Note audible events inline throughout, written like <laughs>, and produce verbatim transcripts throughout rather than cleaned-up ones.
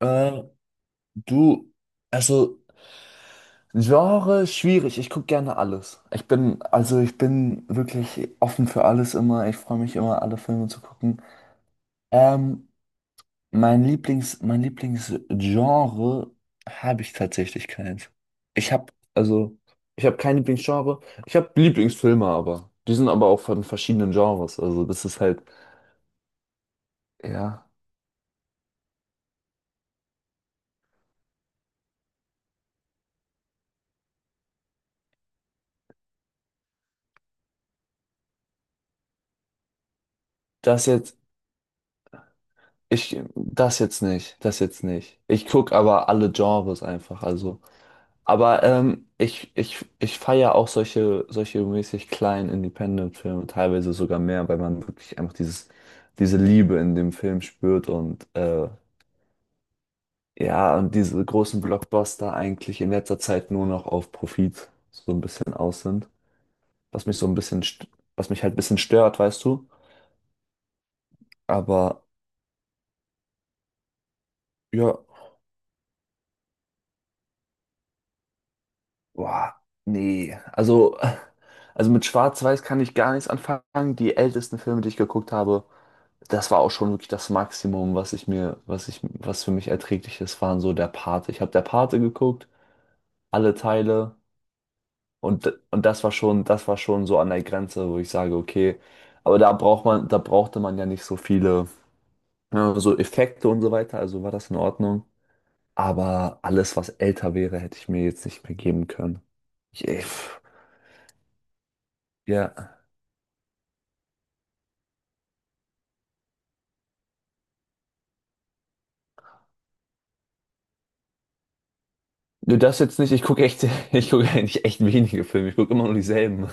Äh, du, also Genre schwierig. Ich gucke gerne alles. Ich bin, also ich bin wirklich offen für alles immer. Ich freue mich immer, alle Filme zu gucken. Ähm, mein Lieblings, mein Lieblingsgenre habe ich tatsächlich keins. Ich habe, also ich habe kein Lieblingsgenre. Ich habe Lieblingsfilme, aber die sind aber auch von verschiedenen Genres. Also das ist halt, ja, das jetzt, ich, das jetzt nicht, das jetzt nicht. Ich gucke aber alle Genres einfach. Also aber ähm, ich, ich, ich feiere auch solche, solche mäßig kleinen Independent-Filme, teilweise sogar mehr, weil man wirklich einfach dieses, diese Liebe in dem Film spürt, und äh, ja, und diese großen Blockbuster eigentlich in letzter Zeit nur noch auf Profit so ein bisschen aus sind. Was mich so ein bisschen, st- Was mich halt ein bisschen stört, weißt du. Aber ja, boah, nee. Also, <laughs> also mit Schwarz-Weiß kann ich gar nichts anfangen. Die ältesten Filme, die ich geguckt habe, das war auch schon wirklich das Maximum, was ich mir, was ich, was für mich erträglich ist, waren so der Pate. Ich habe der Pate geguckt, alle Teile, und, und das war schon, das war schon so an der Grenze, wo ich sage, okay, aber da braucht man, da brauchte man ja nicht so viele, ne, so Effekte und so weiter, also war das in Ordnung. Aber alles, was älter wäre, hätte ich mir jetzt nicht mehr geben können. Ich, ja. Nö, das jetzt nicht. Ich gucke echt, <laughs> ich gucke eigentlich echt wenige Filme. Ich gucke immer nur dieselben.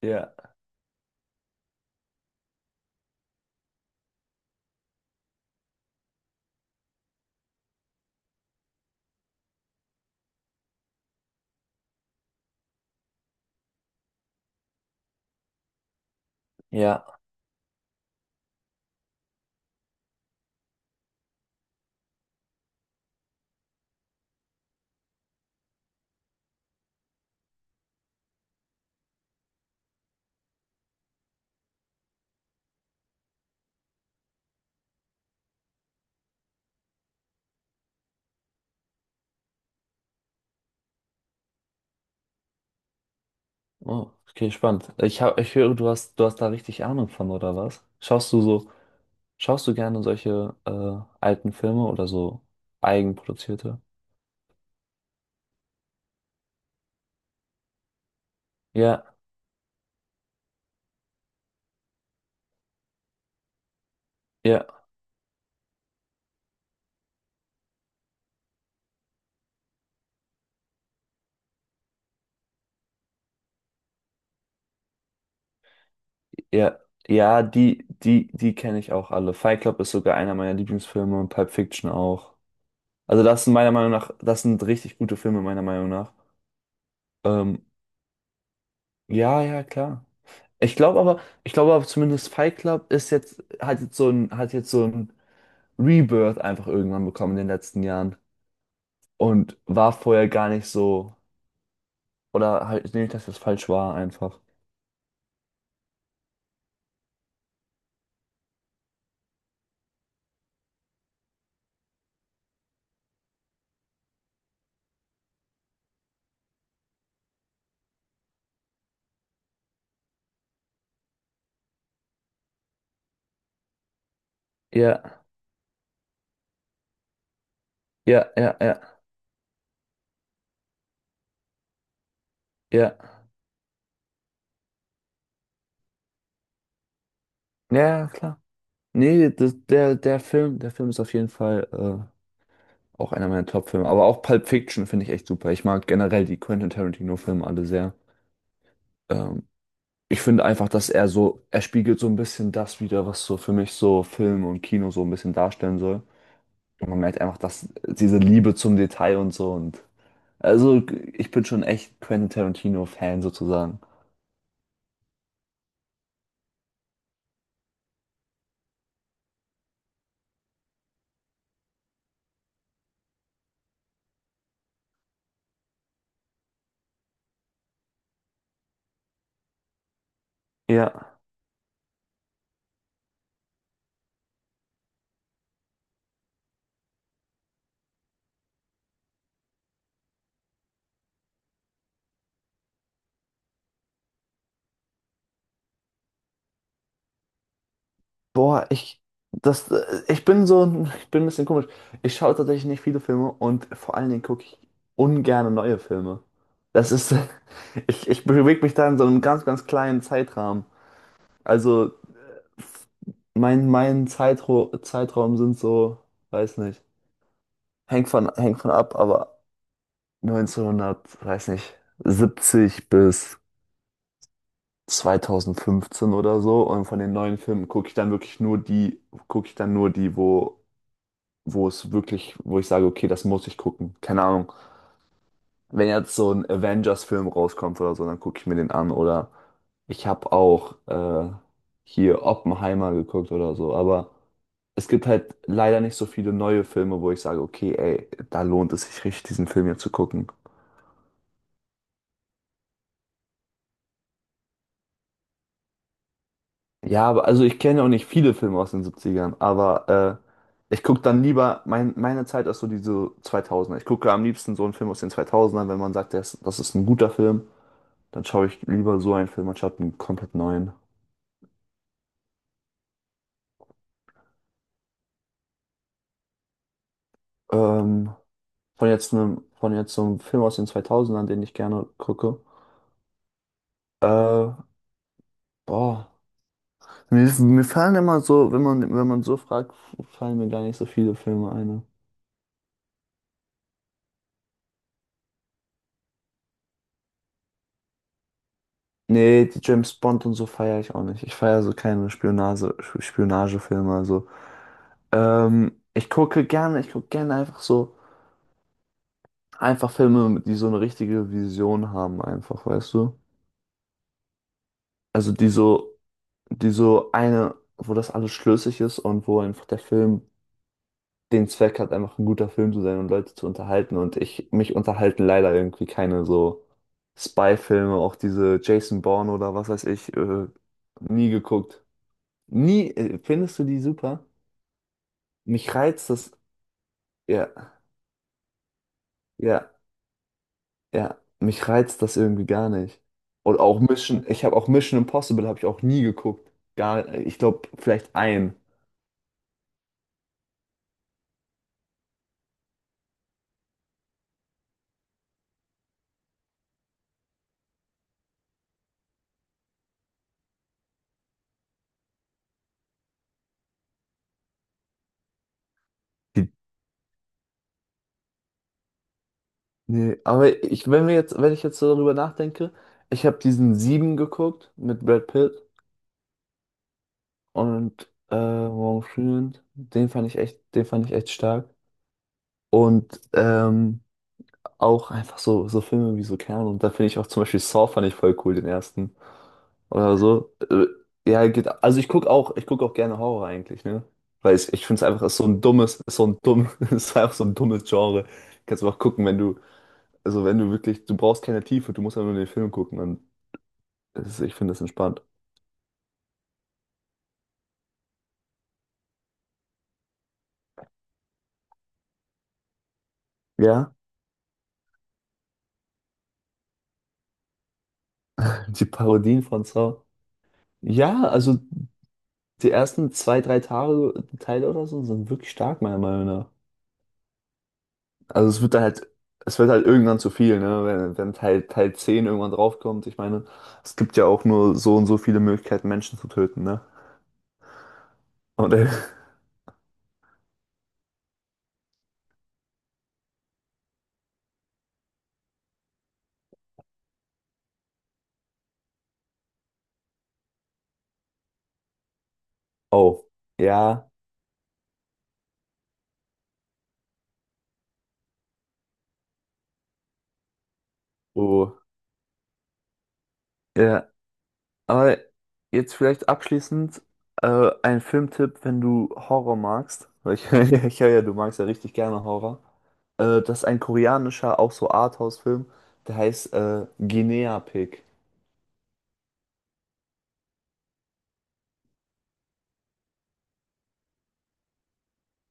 Ja. Ja. Oh, okay, spannend. Ich hab, ich höre, du hast, du hast da richtig Ahnung von, oder was? Schaust du so, schaust du gerne solche äh, alten Filme oder so eigenproduzierte? Ja, ja, ja. Ja, die, die, die kenne ich auch alle. Fight Club ist sogar einer meiner Lieblingsfilme, und Pulp Fiction auch. Also das sind meiner Meinung nach, das sind richtig gute Filme meiner Meinung nach. Ähm, Ja, ja, klar. Ich glaube aber, ich glaube aber zumindest Fight Club ist jetzt, hat jetzt so ein, hat jetzt so ein Rebirth einfach irgendwann bekommen in den letzten Jahren. Und war vorher gar nicht so. Oder halt nee, nicht, dass das falsch war einfach. Ja, ja, ja, ja, ja. Ja, ja, klar. Nee, das, der, der Film, der Film ist auf jeden Fall äh, auch einer meiner Top-Filme. Aber auch Pulp Fiction finde ich echt super. Ich mag generell die Quentin Tarantino-Filme alle sehr. Ähm, Ich finde einfach, dass er so, er spiegelt so ein bisschen das wider, was so für mich so Film und Kino so ein bisschen darstellen soll. Und man merkt einfach, dass diese Liebe zum Detail und so, und also ich bin schon echt Quentin Tarantino-Fan sozusagen. Ja. Boah, ich das äh, ich bin so ein- ich bin ein bisschen komisch. Ich schaue tatsächlich nicht viele Filme, und vor allen Dingen gucke ich ungerne neue Filme. Das ist, <laughs> ich ich bewege mich da in so einem ganz ganz kleinen Zeitrahmen. Also mein, mein Zeitro Zeitraum sind so, weiß nicht, hängt von, hängt von ab, aber neunzehnhundert, weiß nicht, siebzig bis zweitausendfünfzehn oder so. Und von den neuen Filmen gucke ich dann wirklich nur die, gucke ich dann nur die, wo, wo es wirklich, wo ich sage, okay, das muss ich gucken. Keine Ahnung. Wenn jetzt so ein Avengers-Film rauskommt oder so, dann gucke ich mir den an. Oder ich habe auch äh, hier Oppenheimer geguckt oder so, aber es gibt halt leider nicht so viele neue Filme, wo ich sage, okay, ey, da lohnt es sich richtig, diesen Film hier zu gucken. Ja, aber also ich kenne ja auch nicht viele Filme aus den siebzigern, aber äh, ich gucke dann lieber, mein, meine Zeit ist so diese zweitausender. Ich gucke am liebsten so einen Film aus den zweitausendern, wenn man sagt, das, das ist ein guter Film, dann schaue ich lieber so einen Film anstatt einen komplett neuen. Ähm, von jetzt einem, von jetzt so einem Film aus den zweitausendern, den ich gerne gucke. Äh, boah, Mir, mir fallen immer so, wenn man, wenn man so fragt, fallen mir gar nicht so viele Filme ein, ne? Nee, die James Bond und so feiere ich auch nicht. Ich feiere so keine Spionage, Spionagefilme. Also, ähm, ich gucke gerne, ich gucke gerne einfach so, einfach Filme, die so eine richtige Vision haben, einfach, weißt du? Also die so, die so eine, wo das alles schlüssig ist und wo einfach der Film den Zweck hat, einfach ein guter Film zu sein und Leute zu unterhalten. Und ich, mich unterhalten leider irgendwie keine so Spy-Filme, auch diese Jason Bourne oder was weiß ich, äh, nie geguckt. Nie, äh, findest du die super? Mich reizt das, ja, ja, ja, mich reizt das irgendwie gar nicht. Und auch Mission, ich habe auch Mission Impossible habe ich auch nie geguckt. Gar, äh, ich glaube, vielleicht ein. Die- Nee, aber ich, wenn wir jetzt, wenn ich jetzt so darüber nachdenke, ich habe diesen Sieben geguckt mit Brad Pitt und äh, Morgan Freeman, den fand ich echt, den fand ich echt stark. Und ähm, auch einfach so, so Filme wie so Kern. Und da finde ich auch zum Beispiel Saw fand ich voll cool, den ersten. Oder so. Äh, ja, geht. Also ich gucke auch, ich guck auch gerne Horror eigentlich, ne? Weil ich, ich finde es einfach, ist so ein dummes, ist so ein dumm, <laughs> ist einfach so ein dummes Genre. Kannst du einfach gucken, wenn du, also wenn du wirklich, du brauchst keine Tiefe, du musst einfach nur den Film gucken. Und es ist, ich finde das entspannt. Ja, die Parodien von Saw. Ja, also die ersten zwei, drei Tage, Teile oder so sind wirklich stark, meiner Meinung nach. Also es wird dann halt, es wird halt irgendwann zu viel, ne? Wenn, wenn Teil, Teil zehn irgendwann draufkommt. Ich meine, es gibt ja auch nur so und so viele Möglichkeiten, Menschen zu töten, ne? Und äh, <laughs> oh, ja, oh, ja. Aber jetzt vielleicht abschließend äh, ein Filmtipp, wenn du Horror magst. Weil ich, <laughs> ich höre ja, du magst ja richtig gerne Horror. Äh, das ist ein koreanischer, auch so Arthouse-Film, der heißt äh, Guinea Pig.